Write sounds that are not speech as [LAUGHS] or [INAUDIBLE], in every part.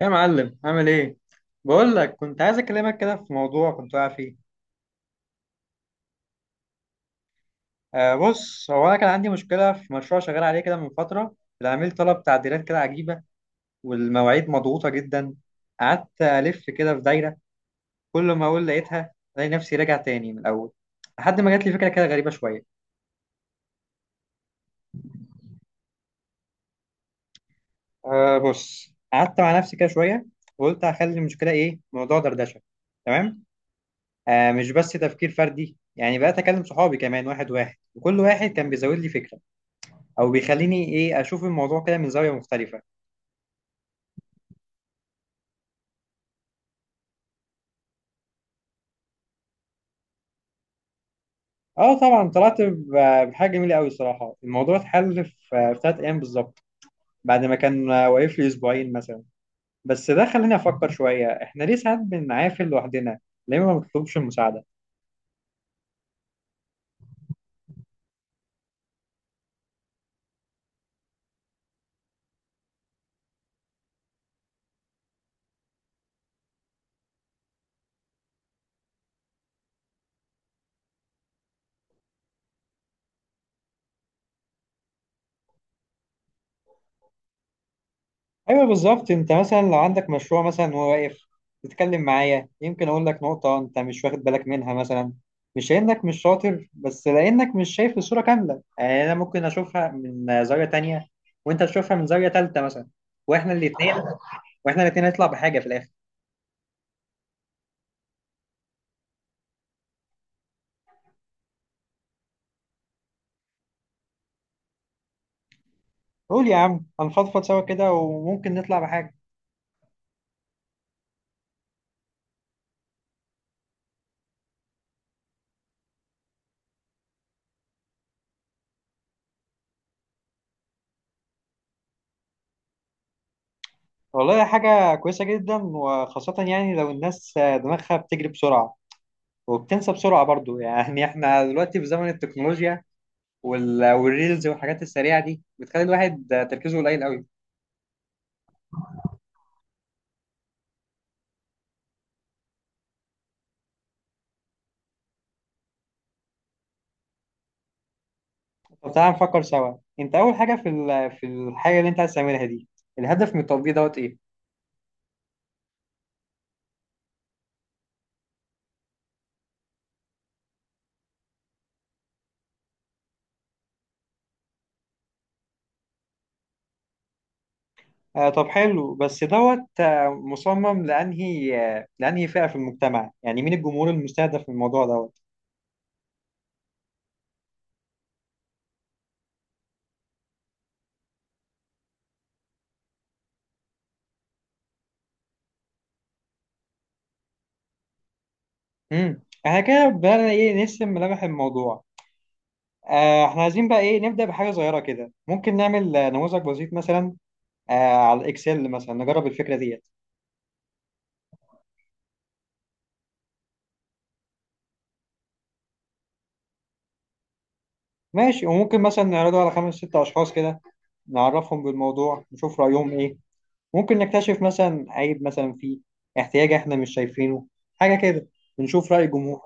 يا معلم عامل ايه؟ بقول لك كنت عايز اكلمك كده في موضوع كنت واقع فيه. بص، هو انا كان عندي مشكله في مشروع شغال عليه كده من فتره. العميل طلب تعديلات كده عجيبه، والمواعيد مضغوطه جدا. قعدت الف كده في دايره، كل ما اقول لقيتها الاقي نفسي راجع تاني من الاول، لحد ما جات لي فكره كده غريبه شويه. بص، قعدت مع نفسي كده شويه وقلت هخلي المشكله ايه موضوع دردشه. تمام. آه، مش بس تفكير فردي، يعني بقيت اكلم صحابي كمان واحد واحد، وكل واحد كان بيزود لي فكره او بيخليني ايه اشوف الموضوع كده من زاويه مختلفه. اه طبعا طلعت بحاجه جميله قوي الصراحه، الموضوع اتحل في 3 ايام بالظبط، بعد ما كان واقف لي اسبوعين مثلا. بس ده خلاني افكر شويه، احنا ليه ساعات بنعافل لوحدنا؟ ليه ما بنطلبش المساعده؟ ايوه بالظبط، انت مثلا لو عندك مشروع مثلا وهو واقف تتكلم معايا يمكن اقول لك نقطة انت مش واخد بالك منها مثلا. مش لانك مش شاطر، بس لانك مش شايف الصورة كاملة، يعني انا ممكن اشوفها من زاوية تانية وانت تشوفها من زاوية تالتة مثلا، واحنا الاتنين واحنا الاتنين نطلع بحاجة في الاخر. قول يا عم، هنفضفض سوا كده وممكن نطلع بحاجة. والله حاجة كويسة جدا، وخاصة يعني لو الناس دماغها بتجري بسرعة وبتنسى بسرعة برضو. يعني احنا دلوقتي في زمن التكنولوجيا والريلز والحاجات السريعه دي بتخلي الواحد تركيزه قليل قوي. طب تعالى نفكر سوا، انت اول حاجه في في الحاجه اللي انت عايز تعملها دي، الهدف من التطبيق دوت ايه؟ آه طب حلو، بس دوت مصمم لانهي فئه في المجتمع؟ يعني مين الجمهور المستهدف في الموضوع دوت؟ احنا كده بدأنا ايه نرسم ملامح الموضوع. احنا عايزين بقى ايه نبدأ بحاجه صغيره كده، ممكن نعمل نموذج بسيط مثلا، على الاكسل مثلا نجرب الفكره دي. ماشي، وممكن مثلا نعرضه على خمس ست أشخاص كده، نعرفهم بالموضوع نشوف رأيهم إيه، ممكن نكتشف مثلا عيب مثلا فيه، احتياج إحنا مش شايفينه، حاجة كده، ونشوف رأي الجمهور.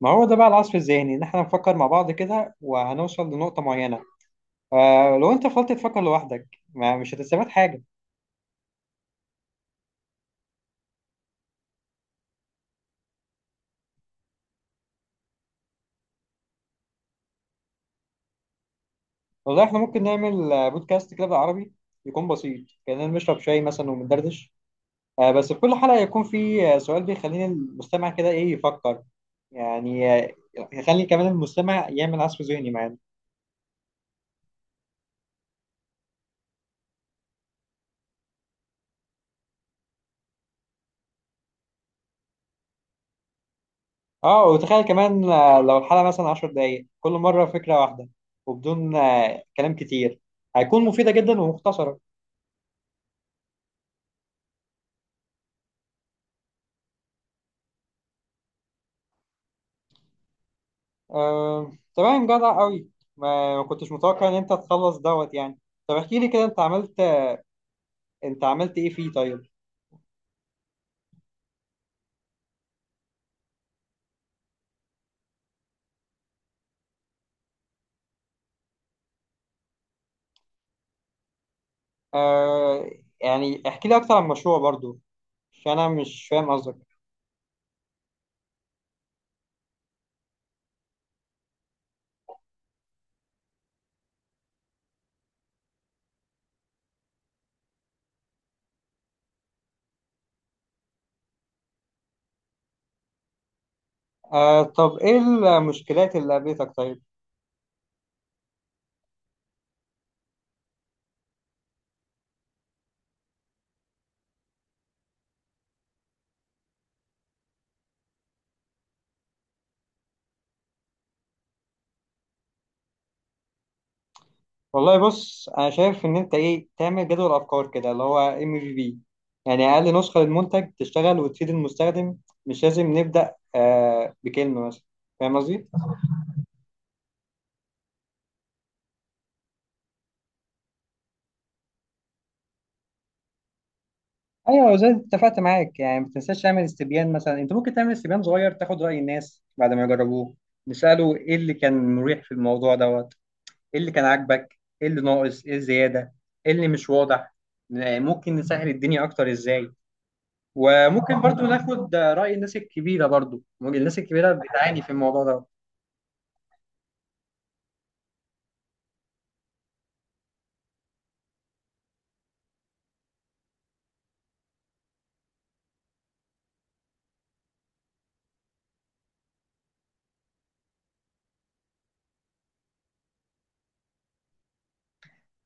ما هو ده بقى العصف الذهني، إن إحنا نفكر مع بعض كده وهنوصل لنقطة معينة. آه لو أنت فضلت تفكر لوحدك ما مش هتستفاد حاجة. والله إحنا ممكن نعمل بودكاست كده بالعربي، يكون بسيط كأننا بنشرب شاي مثلا وبندردش. بس في كل حلقة يكون في سؤال بيخليني المستمع كده إيه يفكر، يعني آه، يخلي كمان المستمع يعمل عصف ذهني معانا. اه وتخيل كمان، لو الحلقة مثلا 10 دقايق كل مرة فكرة واحدة، وبدون كلام كتير، هيكون مفيدة جدا ومختصرة. تمام جدع قوي، ما كنتش متوقع إن أنت تخلص دوت يعني. طب احكي لي كده، أنت عملت إيه فيه طيب؟ آه، يعني احكي لي أكتر عن المشروع برضو، عشان أنا مش فاهم قصدك. آه طب ايه المشكلات اللي قابلتك طيب؟ والله بص، انا شايف ان انت ايه تعمل جدول افكار كده، اللي هو ام في بي، يعني اقل نسخه للمنتج تشتغل وتفيد المستخدم، مش لازم نبدا بكلمه مثلا. فاهم قصدي؟ ايوه زي ما اتفقت معاك، يعني ما تنساش تعمل استبيان مثلا، انت ممكن تعمل استبيان صغير تاخد راي الناس بعد ما يجربوه، نساله ايه اللي كان مريح في الموضوع دوت، ايه اللي كان عاجبك، ايه اللي ناقص، ايه الزياده، ايه اللي مش واضح، ممكن نسهل الدنيا اكتر ازاي. وممكن برضو ناخد رأي الناس الكبيرة، برضو الناس الكبيرة بتعاني في الموضوع ده.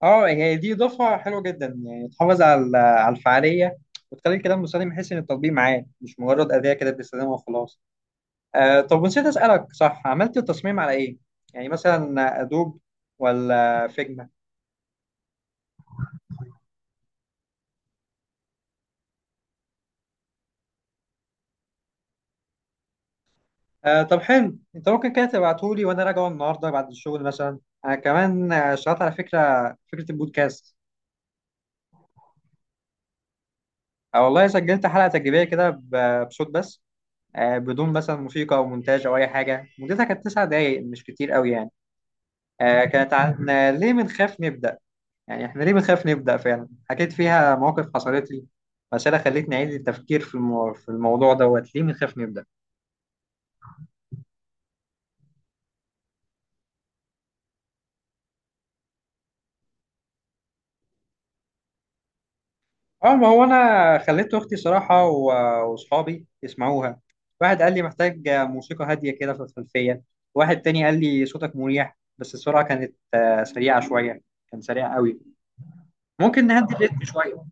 اه هي دي إضافة حلوة جدا، يعني تحافظ على الفعالية، وتخلي الكلام المستخدم يحس إن التطبيق معاه، مش مجرد أداة كده بيستخدمها وخلاص. آه طب نسيت أسألك، صح عملت التصميم على إيه؟ يعني مثلا أدوب ولا فيجما؟ آه طب حلو، أنت ممكن كده تبعتهولي وأنا راجعه النهاردة بعد الشغل مثلا. أنا كمان اشتغلت على فكرة، فكرة البودكاست. آه والله سجلت حلقة تجريبية كده بصوت بس، بدون مثلا موسيقى او مونتاج او اي حاجه، مدتها كانت 9 دقايق، مش كتير قوي يعني. كانت عن [LAUGHS] ليه بنخاف نبدا، يعني احنا ليه بنخاف نبدا فعلا، حكيت فيها مواقف حصلت لي، مسألة خلتني أعيد التفكير في في الموضوع دوت، ليه بنخاف نبدأ؟ اه ما هو أنا خليت أختي صراحة وأصحابي يسمعوها، واحد قال لي محتاج موسيقى هادية كده في الخلفية، واحد تاني قال لي صوتك مريح بس السرعة كانت سريعة شوية، كان سريع قوي، ممكن نهدي الريتم شوية.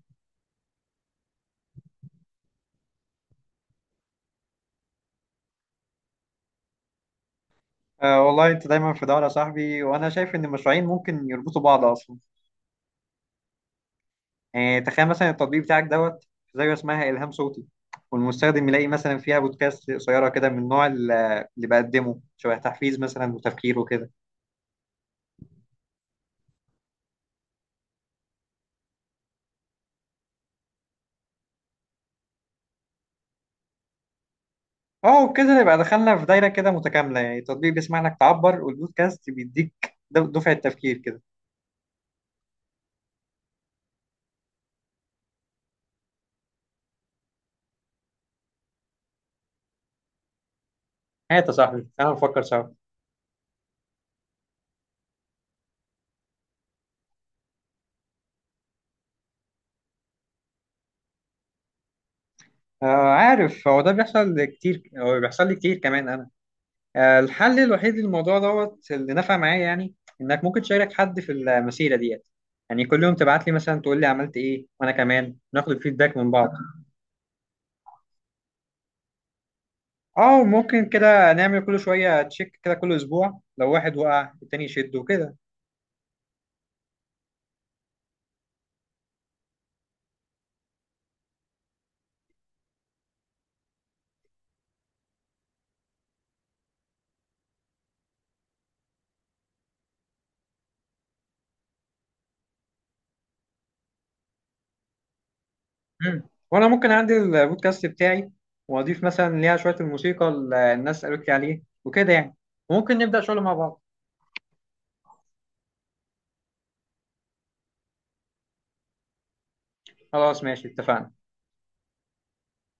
أه والله انت دايما في دورة يا صاحبي، وانا شايف ان المشروعين ممكن يربطوا بعض اصلا، يعني تخيل مثلا التطبيق بتاعك دوت، زي اسمها الهام صوتي، والمستخدم يلاقي مثلا فيها بودكاست قصيرة كده من النوع اللي بقدمه شبه تحفيز مثلا وتفكير وكده. اه وبكده نبقى دخلنا في دايرة كده متكاملة، يعني التطبيق بيسمع لك تعبر والبودكاست بيديك دفعة تفكير كده. هات يا صاحبي تعال نفكر سوا. آه عارف، هو ده بيحصل كتير، هو بيحصل لي كتير كمان. الحل الوحيد للموضوع دوت اللي نفع معايا يعني، انك ممكن تشارك حد في المسيره ديت، يعني كل يوم تبعت لي مثلا تقول لي عملت ايه، وانا كمان ناخد الفيدباك من بعض. اه ممكن كده نعمل كل شويه تشيك كده كل اسبوع، لو واحد وقع التاني يشده وكده. مم. وانا ممكن اعدل البودكاست بتاعي واضيف مثلا ليها شويه الموسيقى اللي الناس قالت لي عليه وكده يعني، ممكن نبدا شغل مع بعض. خلاص ماشي اتفقنا.